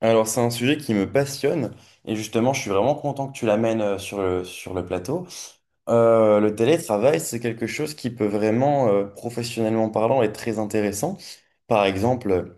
Alors, c'est un sujet qui me passionne et justement, je suis vraiment content que tu l'amènes sur sur le plateau. Le télétravail, c'est quelque chose qui peut vraiment, professionnellement parlant, être très intéressant. Par exemple,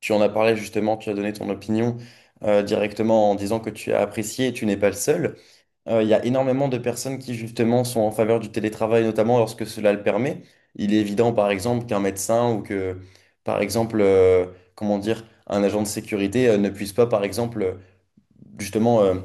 tu en as parlé justement, tu as donné ton opinion, directement en disant que tu as apprécié et tu n'es pas le seul. Il y a énormément de personnes qui justement sont en faveur du télétravail, notamment lorsque cela le permet. Il est évident, par exemple, qu'un médecin ou que, par exemple, comment dire, un agent de sécurité ne puisse pas, par exemple, justement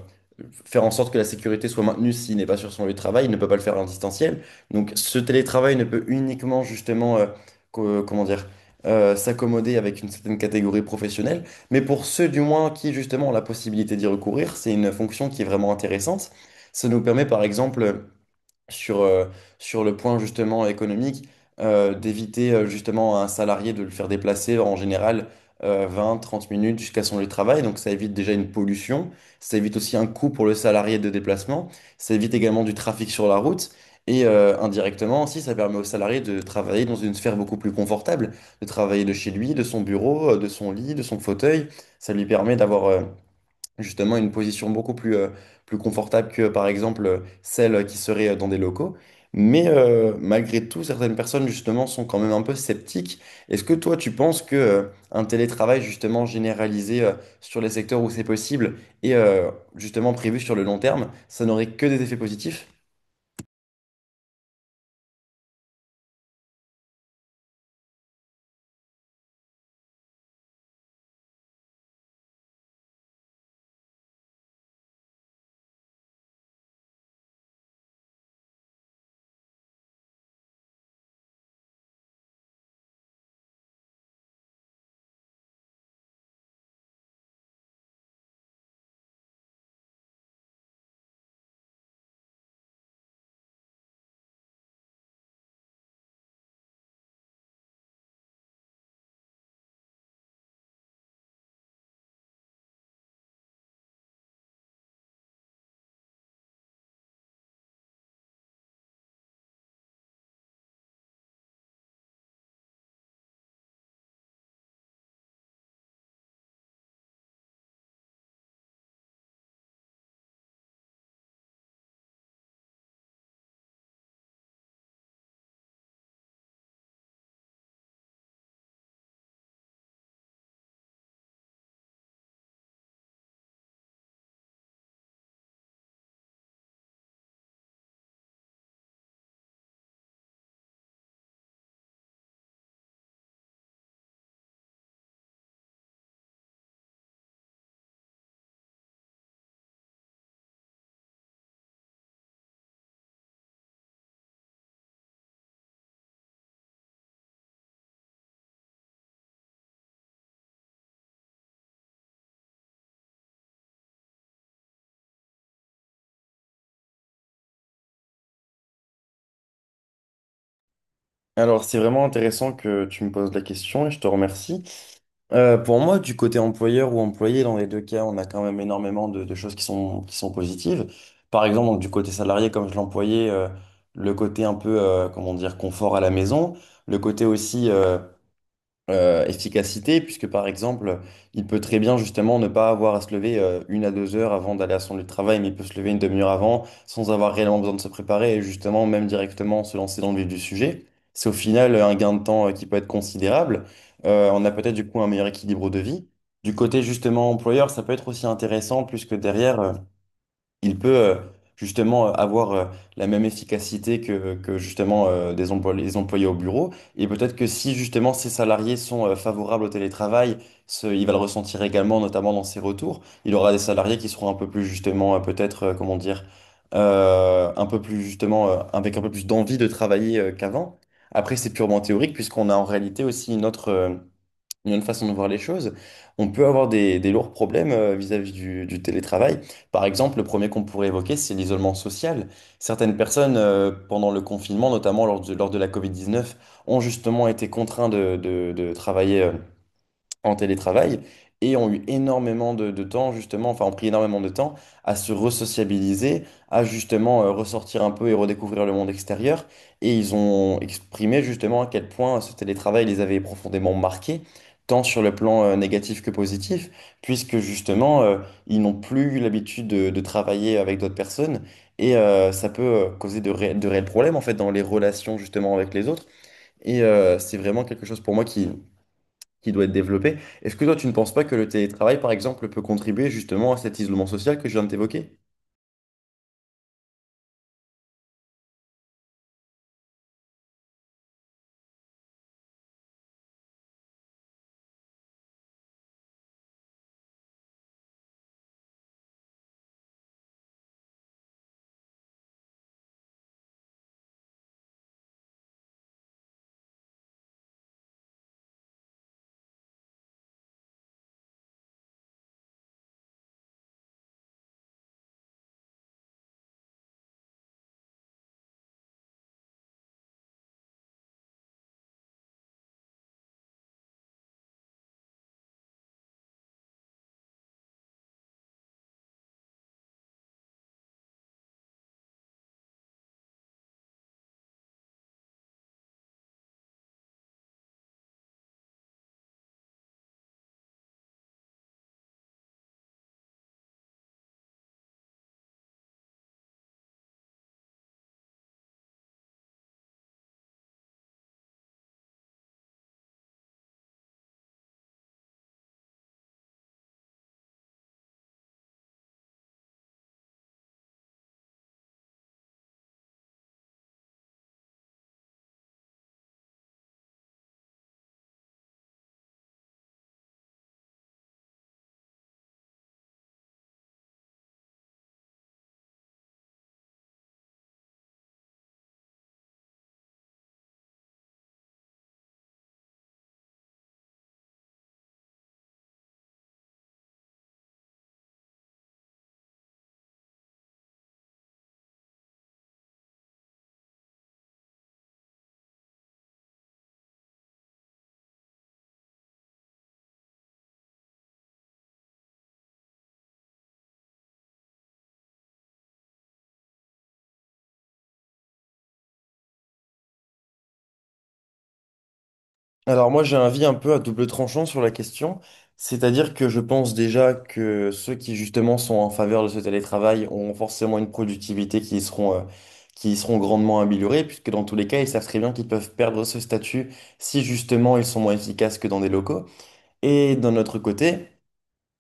faire en sorte que la sécurité soit maintenue s'il n'est pas sur son lieu de travail, il ne peut pas le faire en distanciel. Donc ce télétravail ne peut uniquement justement, comment dire, s'accommoder avec une certaine catégorie professionnelle. Mais pour ceux du moins qui justement ont la possibilité d'y recourir, c'est une fonction qui est vraiment intéressante. Ça nous permet par exemple sur, euh, sur le point justement économique, d'éviter justement à un salarié de le faire déplacer en général 20, 30 minutes jusqu'à son lieu de travail. Donc ça évite déjà une pollution, ça évite aussi un coût pour le salarié de déplacement, ça évite également du trafic sur la route. Et indirectement aussi, ça permet au salarié de travailler dans une sphère beaucoup plus confortable, de travailler de chez lui, de son bureau, de son lit, de son fauteuil. Ça lui permet d'avoir justement une position beaucoup plus, plus confortable que par exemple celle qui serait dans des locaux. Mais malgré tout, certaines personnes justement sont quand même un peu sceptiques. Est-ce que toi, tu penses que un télétravail justement généralisé sur les secteurs où c'est possible et justement prévu sur le long terme, ça n'aurait que des effets positifs? Alors, c'est vraiment intéressant que tu me poses la question et je te remercie. Pour moi, du côté employeur ou employé, dans les deux cas, on a quand même énormément de choses qui sont positives. Par exemple, donc, du côté salarié, comme je l'employais, le côté un peu, comment dire, confort à la maison, le côté aussi, efficacité, puisque par exemple, il peut très bien justement ne pas avoir à se lever une à 2 heures avant d'aller à son lieu de travail, mais il peut se lever une demi-heure avant sans avoir réellement besoin de se préparer et justement même directement se lancer dans le vif du sujet. C'est au final un gain de temps qui peut être considérable. On a peut-être du coup un meilleur équilibre de vie. Du côté justement employeur, ça peut être aussi intéressant puisque derrière, il peut justement avoir la même efficacité que justement les employés au bureau. Et peut-être que si justement ces salariés sont favorables au télétravail, il va le ressentir également, notamment dans ses retours. Il aura des salariés qui seront un peu plus justement, peut-être, comment dire, un peu plus justement, avec un peu plus d'envie de travailler qu'avant. Après, c'est purement théorique puisqu'on a en réalité aussi une une autre façon de voir les choses, on peut avoir des lourds problèmes vis-à-vis du télétravail. Par exemple, le premier qu'on pourrait évoquer, c'est l'isolement social. Certaines personnes, pendant le confinement, notamment lors lors de la covid 19, ont justement été contraintes de travailler en télétravail et ont eu énormément de temps justement, enfin ont pris énormément de temps à se resociabiliser, à justement ressortir un peu et redécouvrir le monde extérieur. Et ils ont exprimé justement à quel point ce télétravail les avait profondément marqués, tant sur le plan négatif que positif, puisque justement ils n'ont plus eu l'habitude de travailler avec d'autres personnes. Et ça peut causer de réels problèmes en fait dans les relations justement avec les autres. Et c'est vraiment quelque chose pour moi qui doit être développé. Est-ce que toi, tu ne penses pas que le télétravail, par exemple, peut contribuer justement à cet isolement social que je viens de t'évoquer? Alors moi j'ai un avis un peu à double tranchant sur la question, c'est-à-dire que je pense déjà que ceux qui justement sont en faveur de ce télétravail ont forcément une productivité qui y seront grandement améliorées, puisque dans tous les cas ils savent très bien qu'ils peuvent perdre ce statut si justement ils sont moins efficaces que dans des locaux. Et d'un autre côté,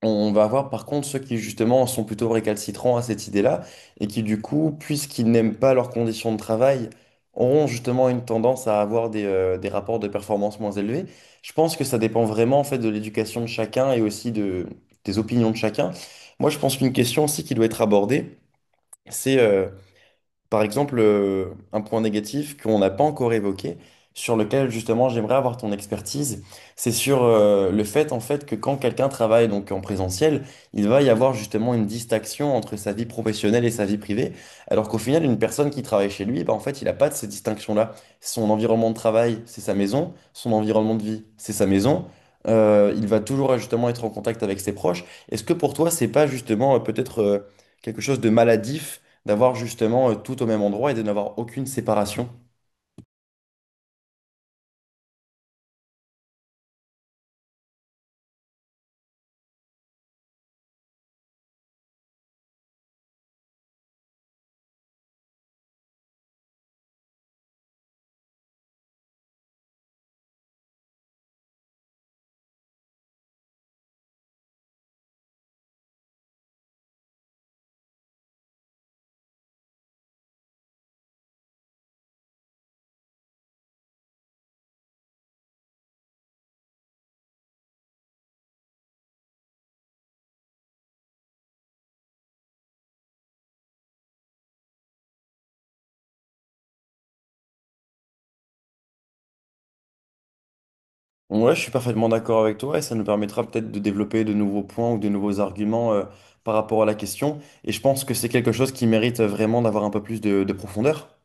on va avoir par contre ceux qui justement sont plutôt récalcitrants à cette idée-là et qui du coup, puisqu'ils n'aiment pas leurs conditions de travail, auront justement une tendance à avoir des rapports de performance moins élevés. Je pense que ça dépend vraiment en fait de l'éducation de chacun et aussi de, des opinions de chacun. Moi, je pense qu'une question aussi qui doit être abordée, c'est par exemple, un point négatif qu'on n'a pas encore évoqué, sur lequel justement j'aimerais avoir ton expertise, c'est sur le fait en fait que quand quelqu'un travaille donc en présentiel, il va y avoir justement une distinction entre sa vie professionnelle et sa vie privée, alors qu'au final une personne qui travaille chez lui, bah, en fait il n'a pas de ces distinctions-là. Son environnement de travail, c'est sa maison, son environnement de vie, c'est sa maison. Il va toujours justement être en contact avec ses proches. Est-ce que pour toi c'est pas justement peut-être quelque chose de maladif, d'avoir justement tout au même endroit et de n'avoir aucune séparation? Ouais, je suis parfaitement d'accord avec toi et ça nous permettra peut-être de développer de nouveaux points ou de nouveaux arguments par rapport à la question. Et je pense que c'est quelque chose qui mérite vraiment d'avoir un peu plus de profondeur.